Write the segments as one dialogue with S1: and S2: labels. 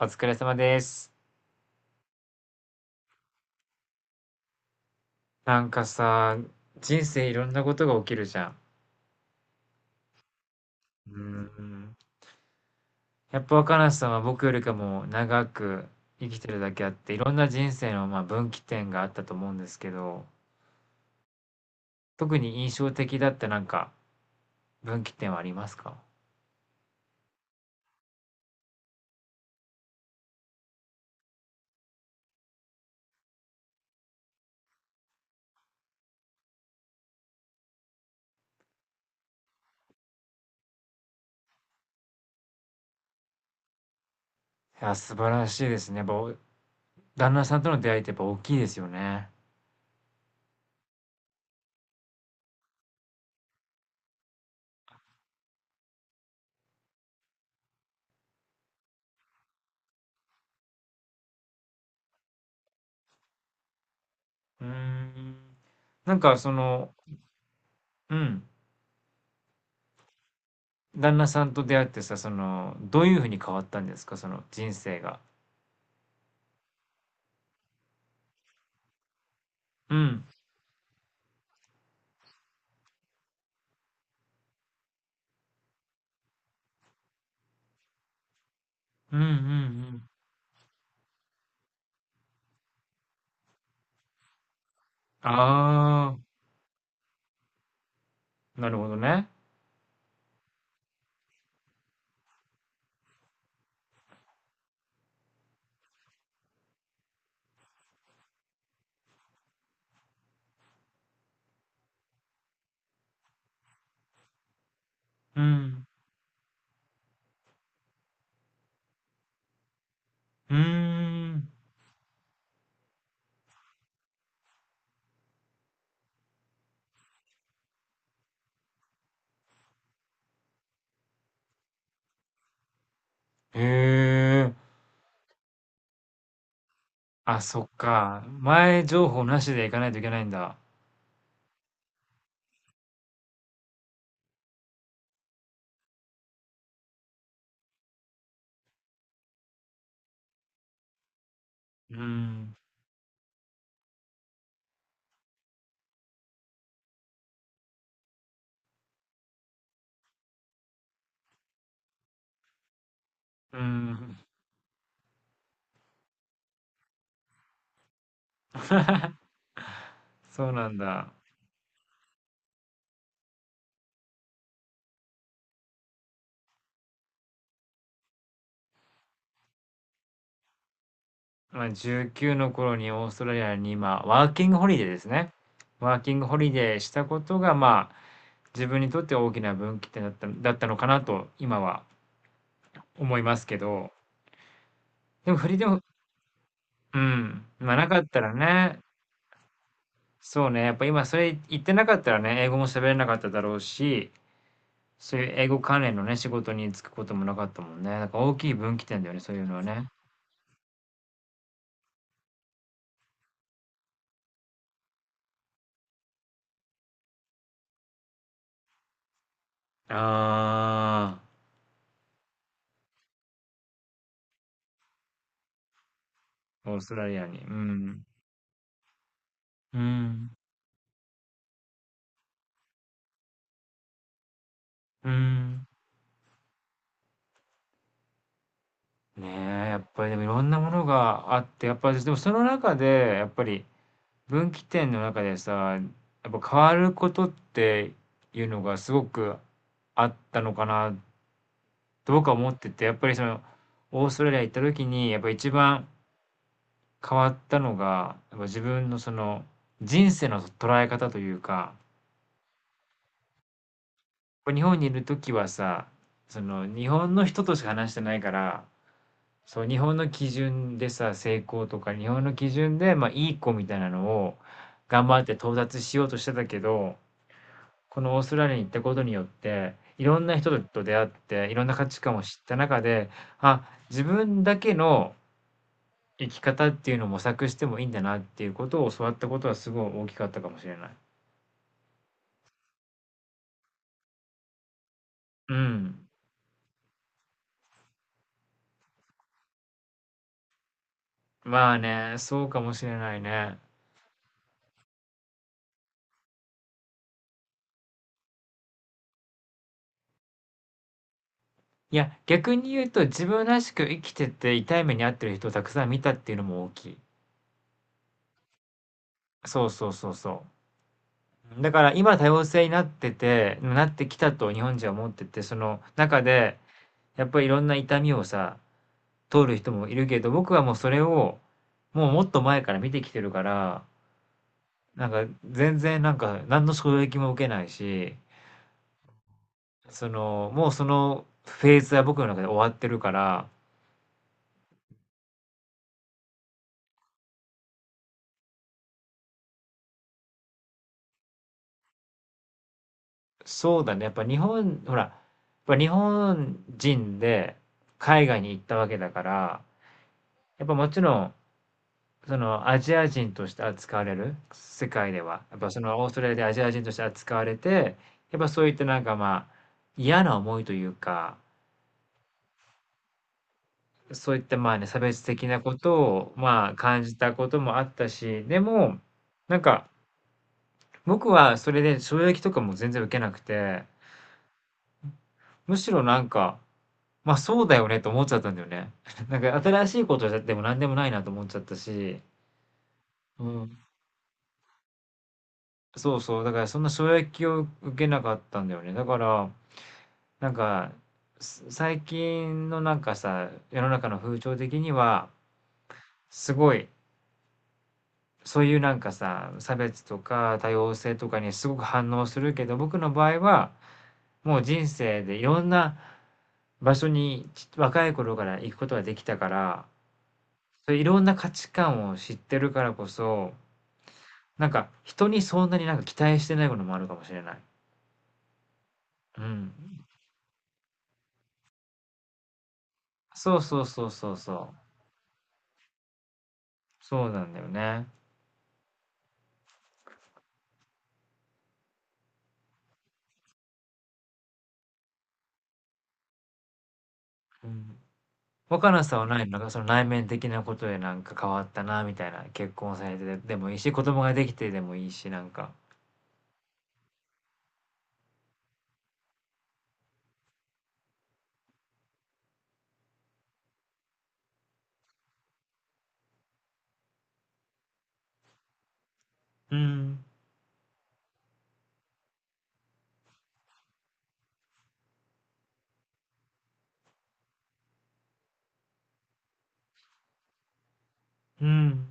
S1: お疲れ様です。なんかさ、人生いろんなことが起きるじゃん。うーん。やっぱ若菜さんは僕よりかも長く生きてるだけあって、いろんな人生のまあ分岐点があったと思うんですけど、特に印象的だったなんか分岐点はありますか？いや、素晴らしいですね。やっぱお旦那さんとの出会いってやっぱ大きいですよね。うーん。なんかその、うん。旦那さんと出会ってさ、その、どういうふうに変わったんですかその人生が。うん。うんうんうん。ああ、なるほどね。うん。うーん。へえ。あ、そっか。前情報なしで行かないといけないんだ。うん。うん。そうなんだ。まあ、19の頃にオーストラリアに今、ワーキングホリデーですね。ワーキングホリデーしたことが、まあ、自分にとって大きな分岐点だったのかなと、今は思いますけど。でも、フリーでも、うん。まあ、なかったらね、そうね、やっぱ今それ言ってなかったらね、英語も喋れなかっただろうし、そういう英語関連のね、仕事に就くこともなかったもんね。なんか大きい分岐点だよね、そういうのはね。ああ、オーストラリアに。うん。うん。うん。ねえ、やっぱりでもいろんなものがあって、やっぱりでもその中で、やっぱり分岐点の中でさ、やっぱ変わることっていうのがすごくあったのかなと僕は思ってて、やっぱりその、オーストラリア行った時に、やっぱ一番変わったのが、やっぱ自分のその、人生の捉え方というか、日本にいる時はさ、その、日本の人としか話してないから、そう、日本の基準でさ、成功とか、日本の基準で、まあ、いい子みたいなのを、頑張って到達しようとしてたけど、このオーストラリアに行ったことによって、いろんな人と出会って、いろんな価値観を知った中で、あ、自分だけの生き方っていうのを模索してもいいんだなっていうことを教わったことはすごい大きかったかもしれない。うん。まあね、そうかもしれないね。いや、逆に言うと自分らしく生きてて痛い目に遭ってる人をたくさん見たっていうのも大きい。そうそうそうそう。だから今多様性になっててなってきたと日本人は思ってて、その中でやっぱりいろんな痛みをさ、通る人もいるけど、僕はもうそれをもうもっと前から見てきてるから、なんか全然なんか何の衝撃も受けないし、そのもうそのフェーズは僕の中で終わってるから、そうだね、やっぱほら、やっぱ日本人で海外に行ったわけだから、やっぱもちろんそのアジア人として扱われる、世界では。やっぱそのオーストラリアでアジア人として扱われて、やっぱそういったなんかまあ嫌な思いというか、そういった、まあね、差別的なことを、まあ、感じたこともあったし、でも、なんか、僕はそれで衝撃とかも全然受けなくて、むしろなんか、まあそうだよねと思っちゃったんだよね。なんか新しいことをやっても何でもないなと思っちゃったし、うん、そうそう、だからそんな衝撃を受けなかったんだよね。だから、なんか、最近のなんかさ、世の中の風潮的には、すごい、そういうなんかさ、差別とか多様性とかにすごく反応するけど、僕の場合は、もう人生でいろんな場所に若い頃から行くことができたから、そういういろんな価値観を知ってるからこそ、なんか人にそんなになんか期待してないこともあるかもしれない。うん。そうそうそうそうそう。そうなんだよね。うん。若菜さんはないの？なんかその内面的なことでなんか変わったなみたいな、結婚されてでもいいし、子供ができてでもいいし、なんか。うん。うん。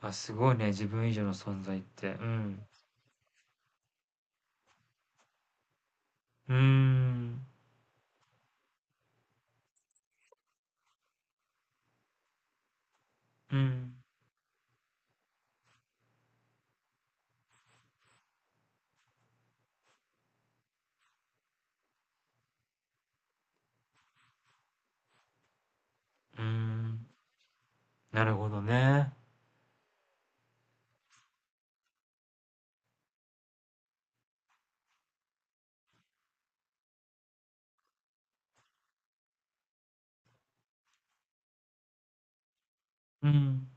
S1: あ、すごいね、自分以上の存在って。うん。うーん。うん。うーん。なるほどね。うん。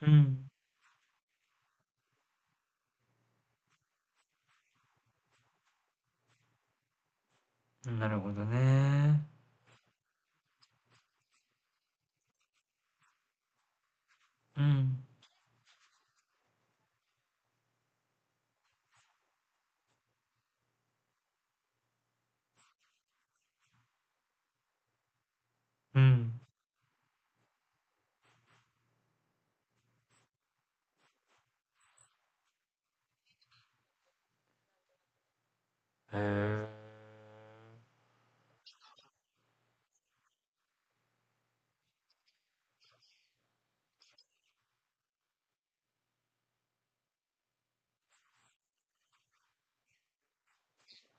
S1: うん。なるほどね。うん。うん。へえ。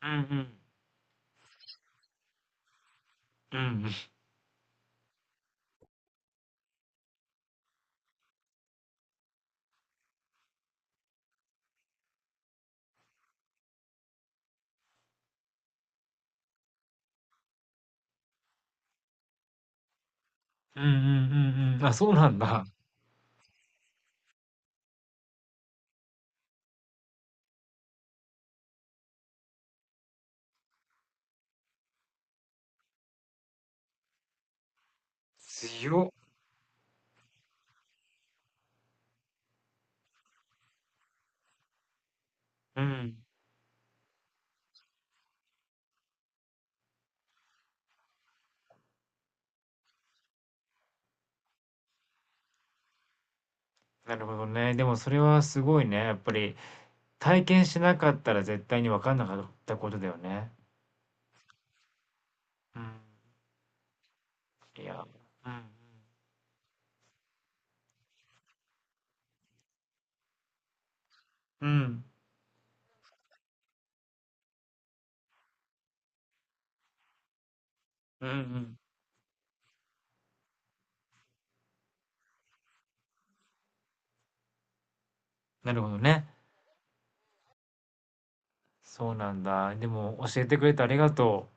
S1: うんうん。うんうん。うんうんうんうん。あ、そうなんだ。強っ。うん。なるほどね。でもそれはすごいね。やっぱり体験しなかったら絶対に分かんなかったことだよね。うん。いや、うんうん。うん。うんうん。なるほどね。そうなんだ。でも教えてくれてありがとう。